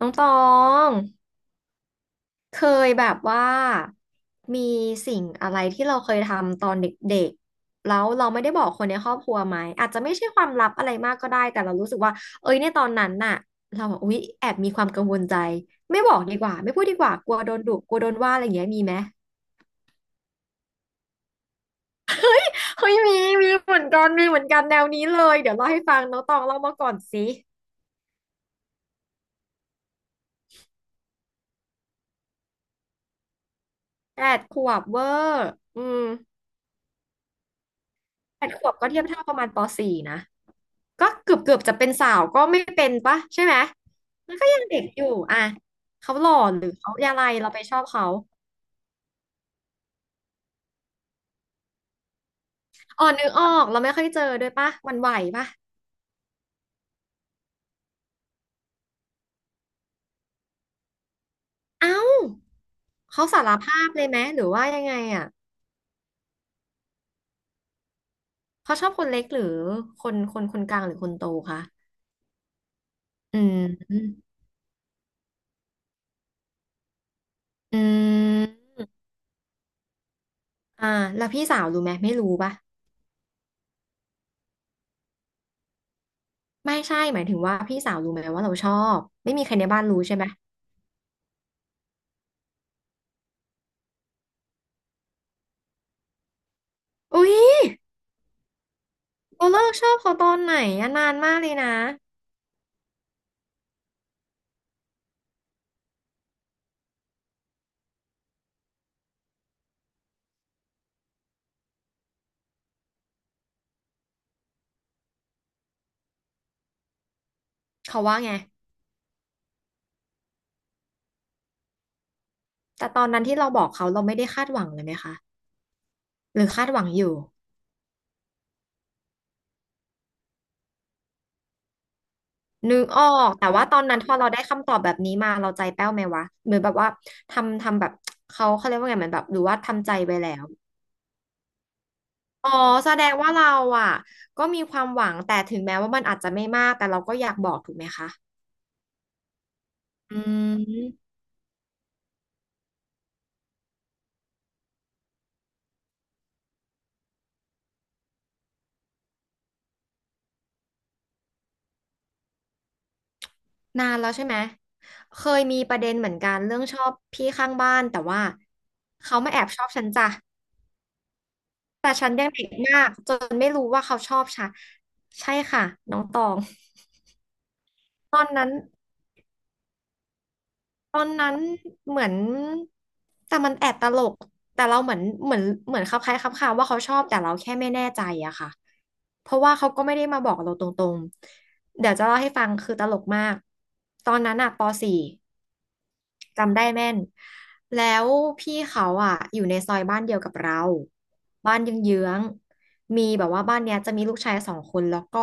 น้องตองเคยแบบว่ามีสิ่งอะไรที่เราเคยทำตอนเด็กๆแล้วเราไม่ได้บอกคนในครอบครัวไหมอาจจะไม่ใช่ความลับอะไรมากก็ได้แต่เรารู้สึกว่าเอ้ยในตอนนั้นน่ะเราแบบอุ๊ยแอบมีความกังวลใจไม่บอกดีกว่าไม่พูดดีกว่ากลัวโดนดุกลัวโดนว่าอะไรอย่างเงี้ยมีไหมเฮ้ยมีเหมือนกันมีเหมือนกันแนวนี้เลยเดี๋ยวเล่าให้ฟังน้องตองเล่ามาก่อนสิแปดขวบเวอร์อืมแปดขวบก็เทียบเท่าประมาณปสี่นะ ก็เกือบเกือบจะเป็นสาวก็ไม่เป็นปะใช่ไหมมันก็ยังเด็กอยู่อ่ะเขาหล่อหรือเขาอะไรเราไปชอบเขาอ๋อนึกออกเราไม่ค่อยเจอด้วยปะหวันไหวปะเอ้าเขาสารภาพเลยไหมหรือว่ายังไงอ่ะเขาชอบคนเล็กหรือคนกลางหรือคนโตคะอืมอืมอ่าแล้วพี่สาวรู้ไหมไม่รู้ปะไม่ใช่หมายถึงว่าพี่สาวรู้ไหมว่าเราชอบไม่มีใครในบ้านรู้ใช่ไหมอุ๊ยเราเลิกชอบเขาตอนไหนอะนานมากเลยนะเขาว่าไง แต่ตอนนั้นที่เราบอกเขาเราไม่ได้คาดหวังเลยไหมคะหรือคาดหวังอยู่นึกออกแต่ว่าตอนนั้นพอเราได้คำตอบแบบนี้มาเราใจแป้วไหมวะเหมือนแบบว่าทำแบบเขาเรียกว่าไงเหมือนแบบหรือว่าทำใจไปแล้วอ๋อแสดงว่าเราอ่ะก็มีความหวังแต่ถึงแม้ว่ามันอาจจะไม่มากแต่เราก็อยากบอกถูกไหมคะอืมนานแล้วใช่ไหมเคยมีประเด็นเหมือนกันเรื่องชอบพี่ข้างบ้านแต่ว่าเขามาแอบชอบฉันจ้ะ แต่ฉันยังเด็กมากจนไม่รู้ว่าเขาชอบฉันใช่ค่ะน้องตองตอนนั้น ตอนนั้นเหมือนแต่มันแอบตลกแต่เราเหมือนคลับคล้ายคลับคาว่าเขาชอบแต่เราแค่ไม่แน่ใจอะค่ะเพราะว่าเขาก็ไม่ได้มาบอกเราตรงๆเดี๋ยวจะเล่าให้ฟังคือตลกมากตอนนั้นอะปสี่จำได้แม่นแล้วพี่เขาอะอยู่ในซอยบ้านเดียวกับเราบ้านเยื้องๆมีแบบว่าบ้านเนี้ยจะมีลูกชาย2 คนแล้วก็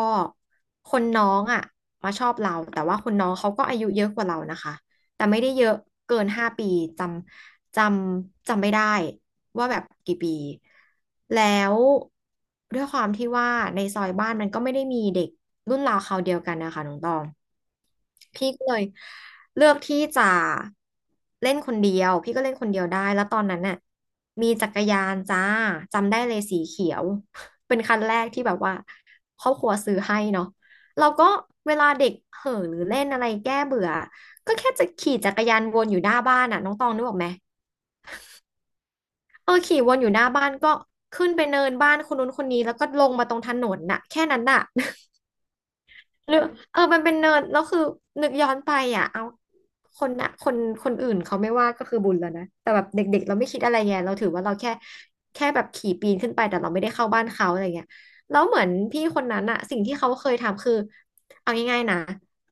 คนน้องอะมาชอบเราแต่ว่าคนน้องเขาก็อายุเยอะกว่าเรานะคะ แต่ไม่ได้เยอะเกิน5 ปีจำจจำไม่ได้ว่าแบบกี่ปีแล้วด้วยความที่ว่าในซอยบ้านมันก็ไม่ได้มีเด็กรุ่นราวคราวเดียวกันนะคะน้องตอง พี่ก็เลยเลือกที่จะเล่นคนเดียวพี่ก็เล่นคนเดียวได้แล้วตอนนั้นน่ะมีจักรยานจ้าจำได้เลยสีเขียว เป็นคันแรกที่แบบว่าครอบครัวซื้อให้เนาะเราก็เวลาเด็กเห่อหรือเล่นอะไรแก้เบื่อก็แค่จะขี่จักรยานวนอยู่หน้าบ้านน่ะน้องตองนึกออกไหมเออขี่วนอยู่หน้าบ้านก็ขึ้นไปเนินบ้านคนนู้นคนนี้แล้วก็ลงมาตรงถนนน่ะแค่นั้นน่ะ หรือเออมันเป็นเนิร์ดแล้วคือนึกย้อนไปอ่ะเอาคนนะคนคนอื่นเขาไม่ว่าก็คือบุญแล้วนะแต่แบบเด็กๆเราไม่คิดอะไรไงเราถือว่าเราแค่แบบขี่ปีนขึ้นไปแต่เราไม่ได้เข้าบ้านเขาอะไรเงี้ยแล้วเหมือนพี่คนนั้นอ่ะสิ่งที่เขาเคยทำคือเอาง่ายๆนะ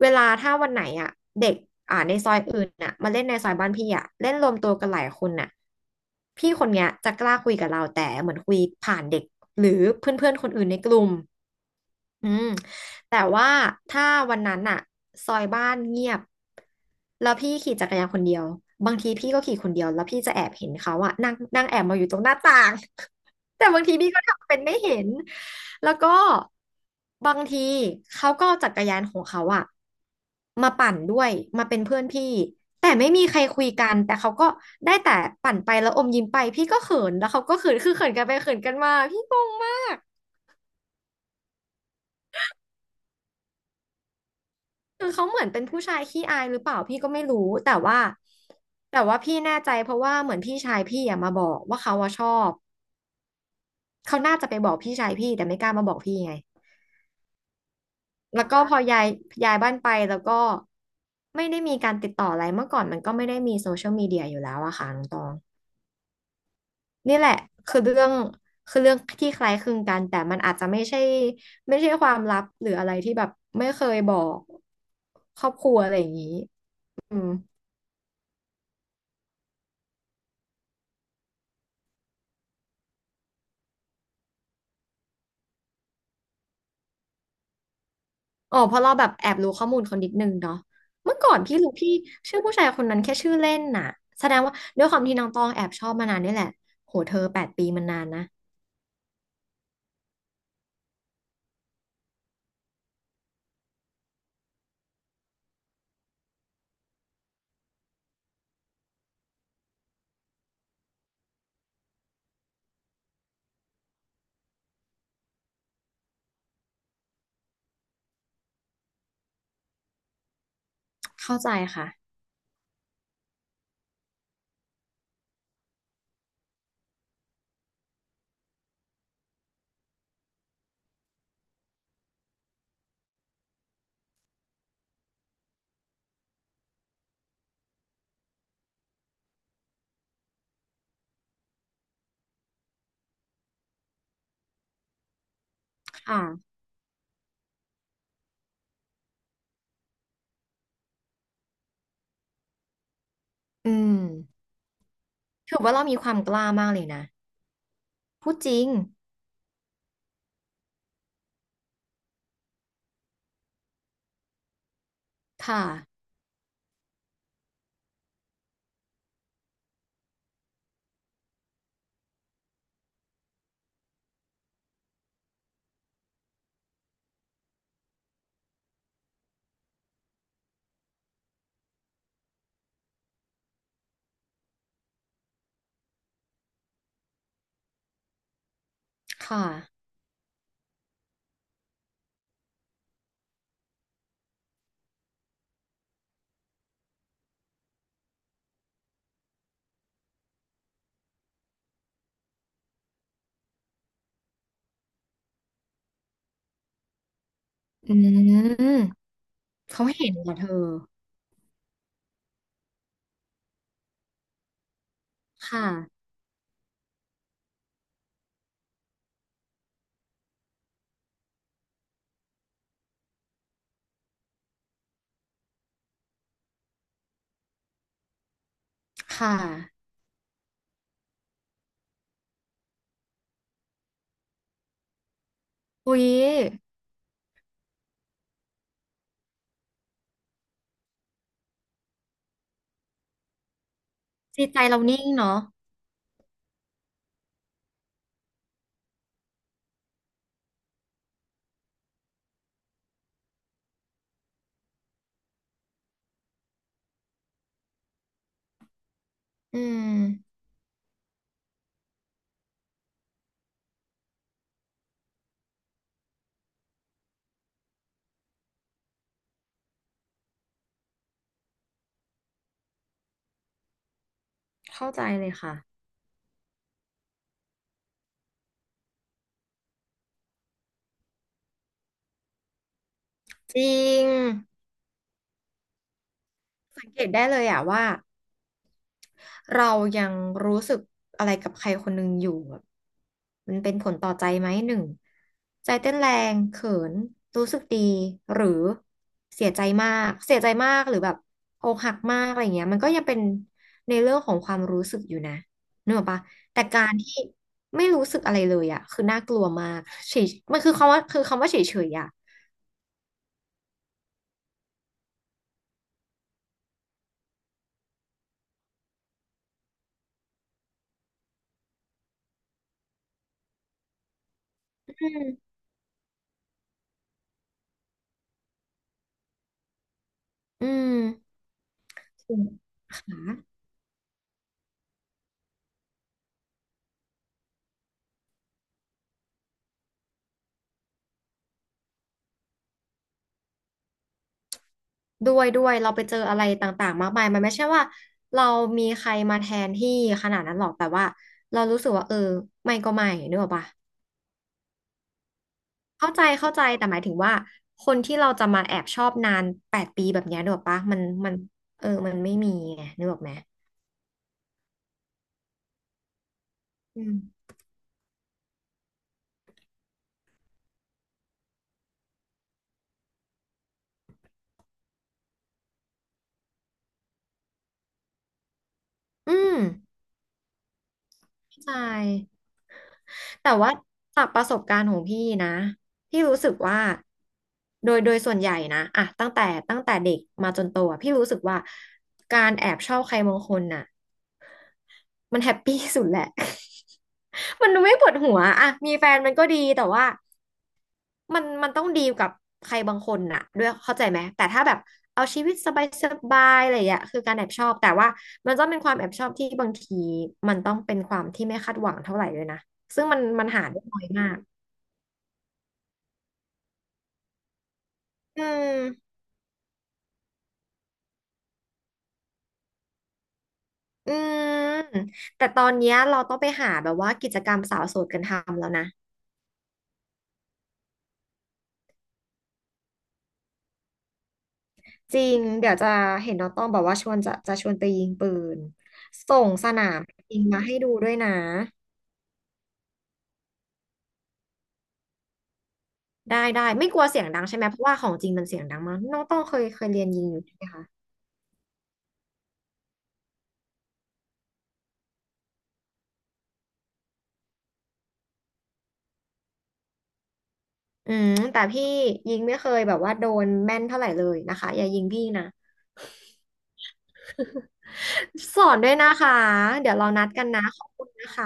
เวลาถ้าวันไหนอ่ะเด็กในซอยอื่นน่ะมาเล่นในซอยบ้านพี่อ่ะเล่นรวมตัวกันหลายคนน่ะพี่คนเนี้ยจะกล้าคุยกับเราแต่เหมือนคุยผ่านเด็กหรือเพื่อนๆคนอื่นในกลุ่ม อืมแต่ว่าถ้าวันนั้นอะซอยบ้านเงียบแล้วพี่ขี่จักรยานคนเดียวบางทีพี่ก็ขี่คนเดียวแล้วพี่จะแอบเห็นเขาอะนั่งนั่งแอบมาอยู่ตรงหน้าต่าง แต่บางทีพี่ก็ทำเป็นไม่เห็นแล้วก็บางทีเขาก็เอาจักรยานของเขาอะมาปั่นด้วยมาเป็นเพื่อนพี่แต่ไม่มีใครคุยกันแต่เขาก็ได้แต่ปั่นไปแล้วอมยิ้มไปพี่ก็เขินแล้วเขาก็เขินคือเขินกันไปเขินกันมาพี่งงมาก คือเขาเหมือนเป็นผู้ชายขี้อายหรือเปล่าพี่ก็ไม่รู้แต่ว่าแต่ว่าพี่แน่ใจเพราะว่าเหมือนพี่ชายพี่อะมาบอกว่าเขาอะชอบเขาน่าจะไปบอกพี่ชายพี่แต่ไม่กล้ามาบอกพี่ไงแล้วก็พอย้ายบ้านไปแล้วก็ไม่ได้มีการติดต่ออะไรเมื่อก่อนมันก็ไม่ได้มีโซเชียลมีเดียอยู่แล้วอะค่ะน้องตองนี่แหละคือเรื่องคือเรื่องที่คล้ายคลึงกันแต่มันอาจจะไม่ใช่ความลับหรืออะไรที่แบบไม่เคยบอกครอบครัวอะไรอย่างนี้อืม อ๋อเพราะเราแบบแอบรู้ข้อมูลเขานิดนึงเนาะเมื่อก่อนพี่รู้พี่ชื่อผู้ชายคนนั้นแค่ชื่อเล่นน่ะแสดงว่าด้วยความที่น้องตองแอบชอบมานานนี่แหละโหเธอแปดปีมันนานนะเข้าใจค่ะค่ะอืมถือว่าเรามีความกล้ามากเลยนะพูดจริงค่ะค่ะอืมเขาเห็นเหรอเธอค่ะค่ะอุ๊ยจิตใจเรานิ่งเนาะอืมเข้าใจเลยค่ะจริงสังเกตได้เลยอะว่า เรายังรู้สึกอะไรกับใครคนหนึ่งอยู่แบบมันเป็นผลต่อใจไหมหนึ่งใจเต้นแรงเขินรู้สึกดีหรือเสียใจมากเสียใจมากหรือแบบอกหักมากอะไรเงี้ยมันก็ยังเป็นในเรื่องของความรู้สึกอยู่นะนึกออกปะแต่การที่ไม่รู้สึกอะไรเลยอะคือน่ากลัวมากเฉยมันคือคำว่าเฉยๆอะอืมอืมค่ะ ด้วยด้วยเราไปเจออะไรต่างๆมากมายมันไม่ใช่ว่าเรามีใครมาแทนที่ขนาดนั้นหรอกแต่ว่าเรารู้สึกว่าเออไม่ก็ไม่นึกออกปะเข้าใจเข้าใจแต่หมายถึงว่าคนที่เราจะมาแอบชอบนานแปดปีแบบเนี้ยนึกออกปะมันมันเออมันไม่มีไงนึกออกไหมอืมอืมเข้าใจแต่ว่าจากประสบการณ์ของพี่นะพี่รู้สึกว่าโดยส่วนใหญ่นะอะตั้งแต่เด็กมาจนโตอะพี่รู้สึกว่าการแอบชอบใครบางคนน่ะ มันแฮปปี้สุดแหละ มันดูไม่ปวดหัวอะมีแฟนมันก็ดีแต่ว่ามันต้องดีลกับใครบางคนน่ะด้วยเข้าใจไหมแต่ถ้าแบบเอาชีวิตสบายสบายอะไรอย่างเงี้ยคือการแอบชอบแต่ว่ามันต้องเป็นความแอบชอบที่บางทีมันต้องเป็นความที่ไม่คาดหวังเท่าไหร่ด้วยนะซึ่งมันหาได้น้อยมากอืมอืมแต่ตอนเนี้ยเราต้องไปหาแบบว่ากิจกรรมสาวโสดกันทำแล้วนะ จริง เดี๋ยวจะเห็นน้องต้องบอกว่าชวนจะชวนไปยิงปืนส่งสนามยิงมาให้ดูด้วยนะได้ได้ไม่กลัวเสียงดังใช่ไหมเพราะว่าของจริงมันเสียงดังมากน้องต้องเคยเรียนยิงอยู่ใช่ไหมคะอืมแต่พี่ยิงไม่เคยแบบว่าโดนแม่นเท่าไหร่เลยนะคะอย่ายิงพี่นะ สอนด้วยนะคะเดี๋ยวเรานัดกันนะขอบคุณนะคะ